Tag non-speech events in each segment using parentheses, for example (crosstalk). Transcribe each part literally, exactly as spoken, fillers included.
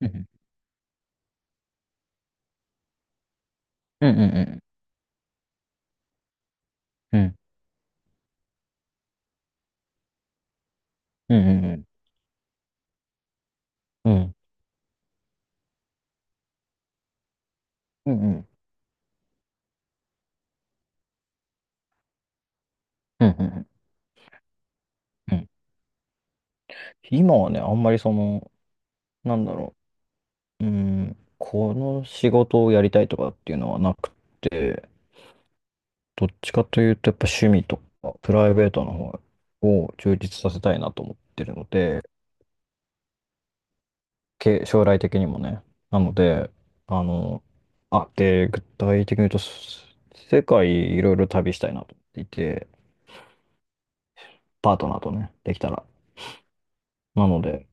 うん、うん、うん、うん、うん、うん、うん、うん、うん、うん、うん、うん、うん。今はね、あんまりその、なんだろう、うーん、この仕事をやりたいとかっていうのはなくて、どっちかというとやっぱ趣味とかプライベートの方を充実させたいなと思ってるので、け将来的にもね。なので、あの、あ、で、具体的に言うと、す世界いろいろ旅したいなと思っていて、パートナーとね、できたら。なので。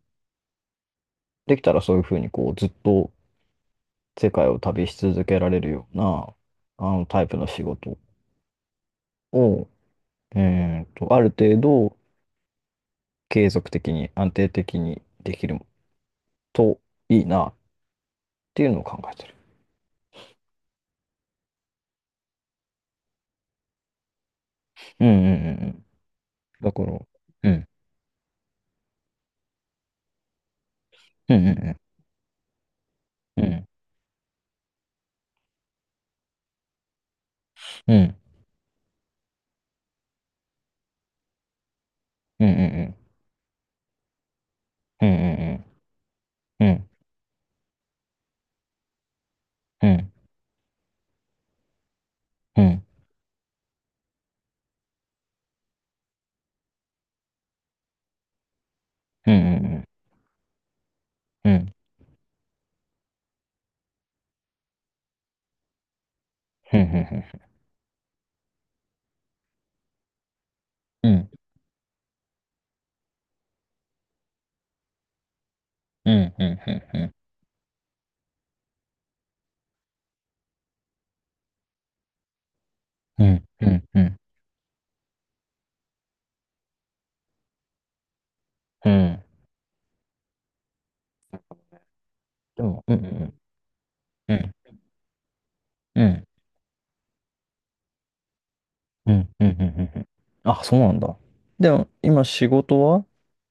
うん、うん、うん、うん。うん、あ、そうなんだ。でも、今仕事は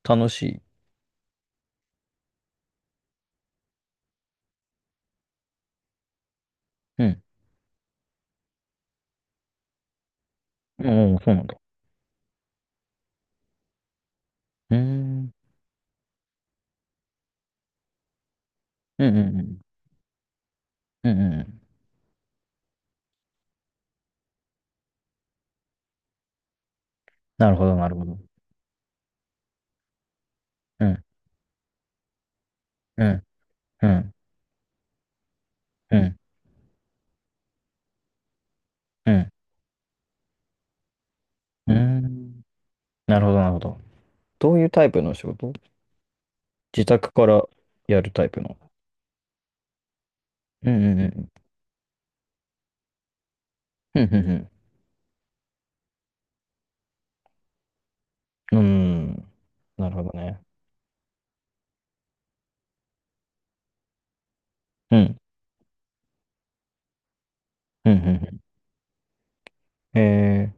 楽しい？うん。おお、そうなんだ。うーん。うん、うん、うん。うん、うん、うん。なるほど、なるほど。うん、うん、うん、うん、うん。うーん。なるほど、なるほど。どういうタイプの仕事？自宅からやるタイプの？うん、うん、うん。うん、うん、うん。うーん。なるほどね。うん、うん、うん。うん、え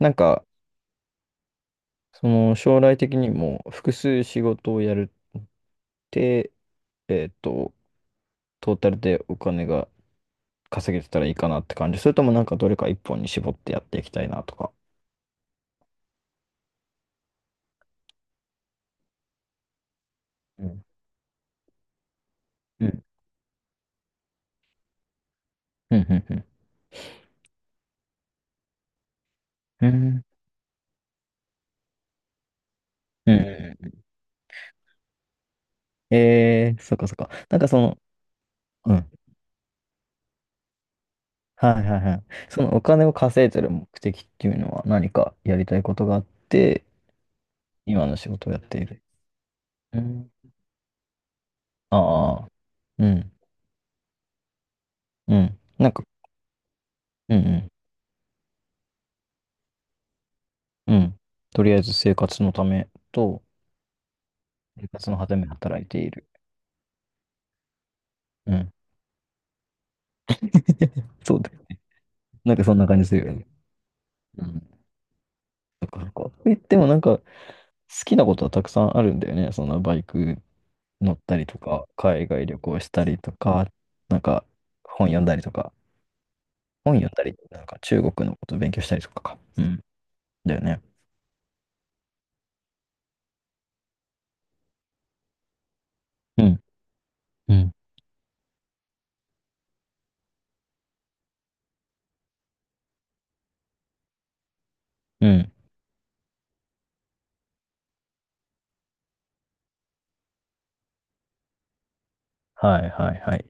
ー、なんか、その将来的にも複数仕事をやるって、えっと、トータルでお金が稼げてたらいいかなって感じ？それともなんかどれか一本に絞ってやっていきたいなとか？うん。うん。うん。うん。うん。うん、うん、えー、そっかそっか。なんかその、うん。はいはいはい。そのお金を稼いでる目的っていうのは何かやりたいことがあって、今の仕事をやっている？うん。ああ、うん。うん。なんか、うん、うん。うん。とりあえず生活のためと、生活のために働いている。うん。そう、なんかそんな感じするよね。うん。そっかそっか。と言ってもなんか好きなことはたくさんあるんだよね。そのバイク乗ったりとか、海外旅行したりとか、なんか本読んだりとか、本読んだり、なんか中国のことを勉強したりとかか。うん。だよね。うん。うん。うん。はいはいはい。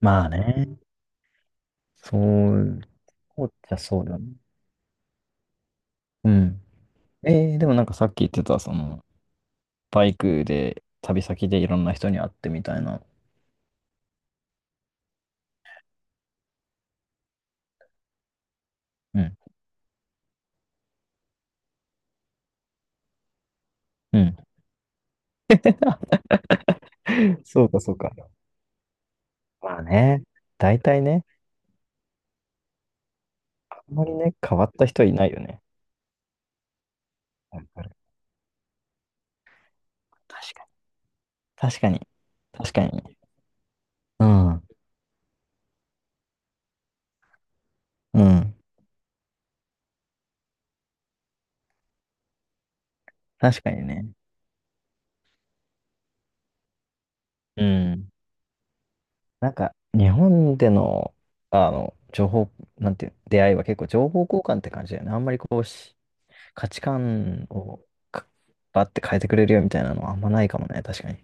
まあね。そう、じうじゃ、そうだね。うん。えー、でもなんかさっき言ってた、その、バイクで旅先でいろんな人に会ってみたいな。うん。うん。(laughs) そうかそうか。まあね、大体ね、あんまりね、変わった人いないよね。わかる。確かに。確かに。確かにね、うん。うん。確かにね。うん。なんか、日本での、あの、情報、なんていう、出会いは結構情報交換って感じだよね。あんまりこうし、価値観をかバッて変えてくれるよみたいなのはあんまないかもね。確かに。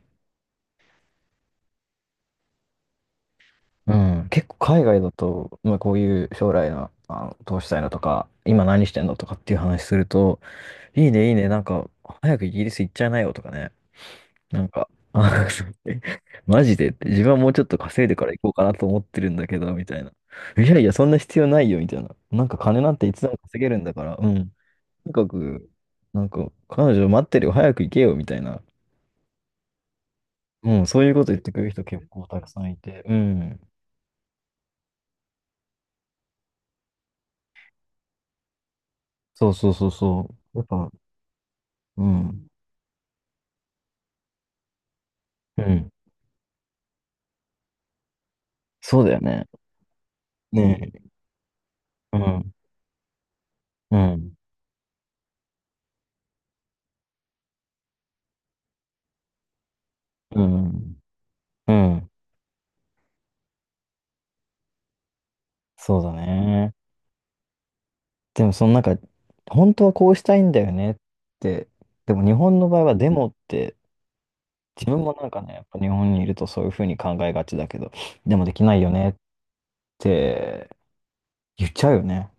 うん。結構海外だと、まあ、こういう将来の、あの、どうしたいのとか、今何してんのとかっていう話すると、いいね、いいね。なんか、早くイギリス行っちゃいなよとかね。なんか、あ (laughs) そう、マジでって、自分はもうちょっと稼いでから行こうかなと思ってるんだけど、みたいな。いやいや、そんな必要ないよ、みたいな。なんか金なんていつでも稼げるんだから、うん。とにかく、なんか、彼女待ってるよ、早く行けよ、みたいな。うん、そういうこと言ってくる人結構たくさんいて、うん。そうそうそうそう。やっぱ、うん。うん。そうだよね。ねえ。うん。うん。うん。うん。そうだね。でもそのなんか、本当はこうしたいんだよねって、でも日本の場合はデモって、自分もなんかね、やっぱ日本にいるとそういうふうに考えがちだけど、でもできないよねって言っちゃうよね。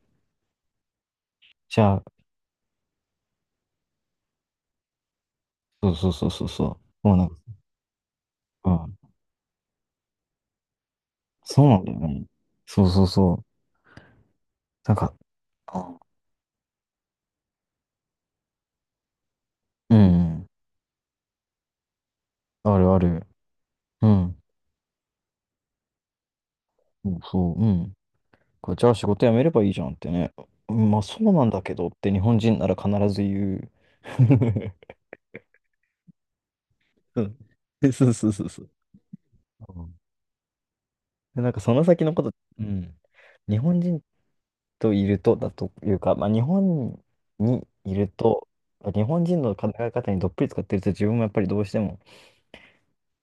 じゃあ、そうそうそうそうそう。もうなんか、うん、そうなんだよね。そうそうそう。なんか、うん、あるある。うん、そうそう、うん。これじゃあ仕事辞めればいいじゃんってね。うん、まあそうなんだけどって日本人なら必ず言う。(laughs) うん。(laughs) で、そうそうそうそう。うん。で、なんかその先のこと、うん。日本人といるとだというか、まあ、日本にいると、日本人の考え方にどっぷり使ってると自分もやっぱりどうしても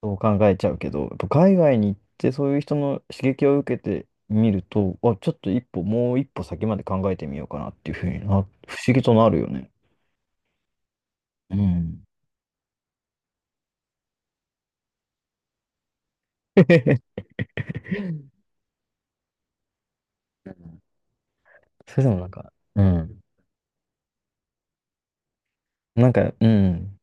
そう考えちゃうけど、やっぱ海外に行ってそういう人の刺激を受けてみると、あ、ちょっと一歩、もう一歩先まで考えてみようかなっていうふうにな、不思議となるよね。うん。(laughs) うん。それでもなんか、うん。なんか、うん。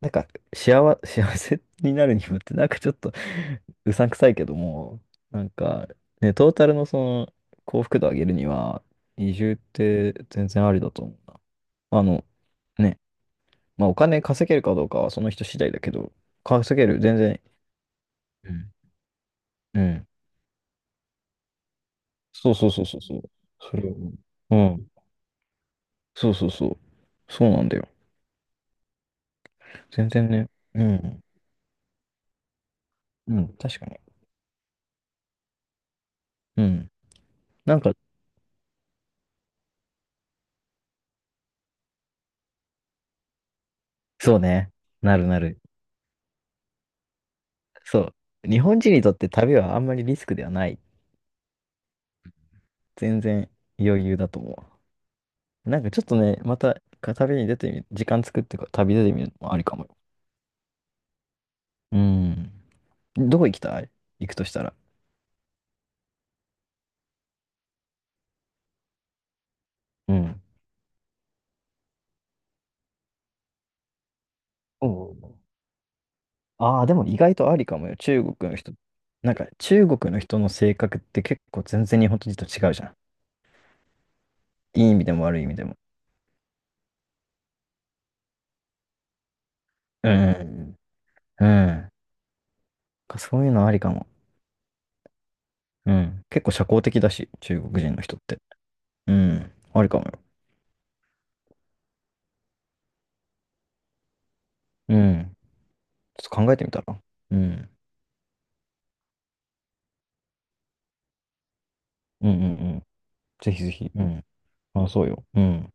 なんか、幸、(laughs) 幸せになるにもって、なんかちょっと (laughs) うさんくさいけども、なんか、ね、トータルのその幸福度上げるには、移住って全然ありだと思うな。あの、ね、まあお金稼げるかどうかはその人次第だけど、稼げる、全然。うん。うん。そうそうそうそうそう。それを。うん。そうそうそう。そうなんだよ。全然ね。うん。うん、確かに。うん。なんか、そうね。なるなる。そう。日本人にとって旅はあんまりリスクではない。全然余裕だと思う。なんかちょっとね、またか旅に出てみる、時間作ってか旅出てみるのもありかもよ。うん。どこ行きたい、行くとしたら？うん。おう、ああー、でも意外とありかもよ。中国の人。なんか中国の人の性格って結構全然日本人と違うじゃん。いい意味でも悪い意味でも。うん。うん。なんかそういうのありかも。うん。結構社交的だし、中国人の人って。うん。ありかもよ。うん。ちょっと考えてみたら？うん。うん、うん、うん。ぜひぜひ。うん。あ、そうよ。うん。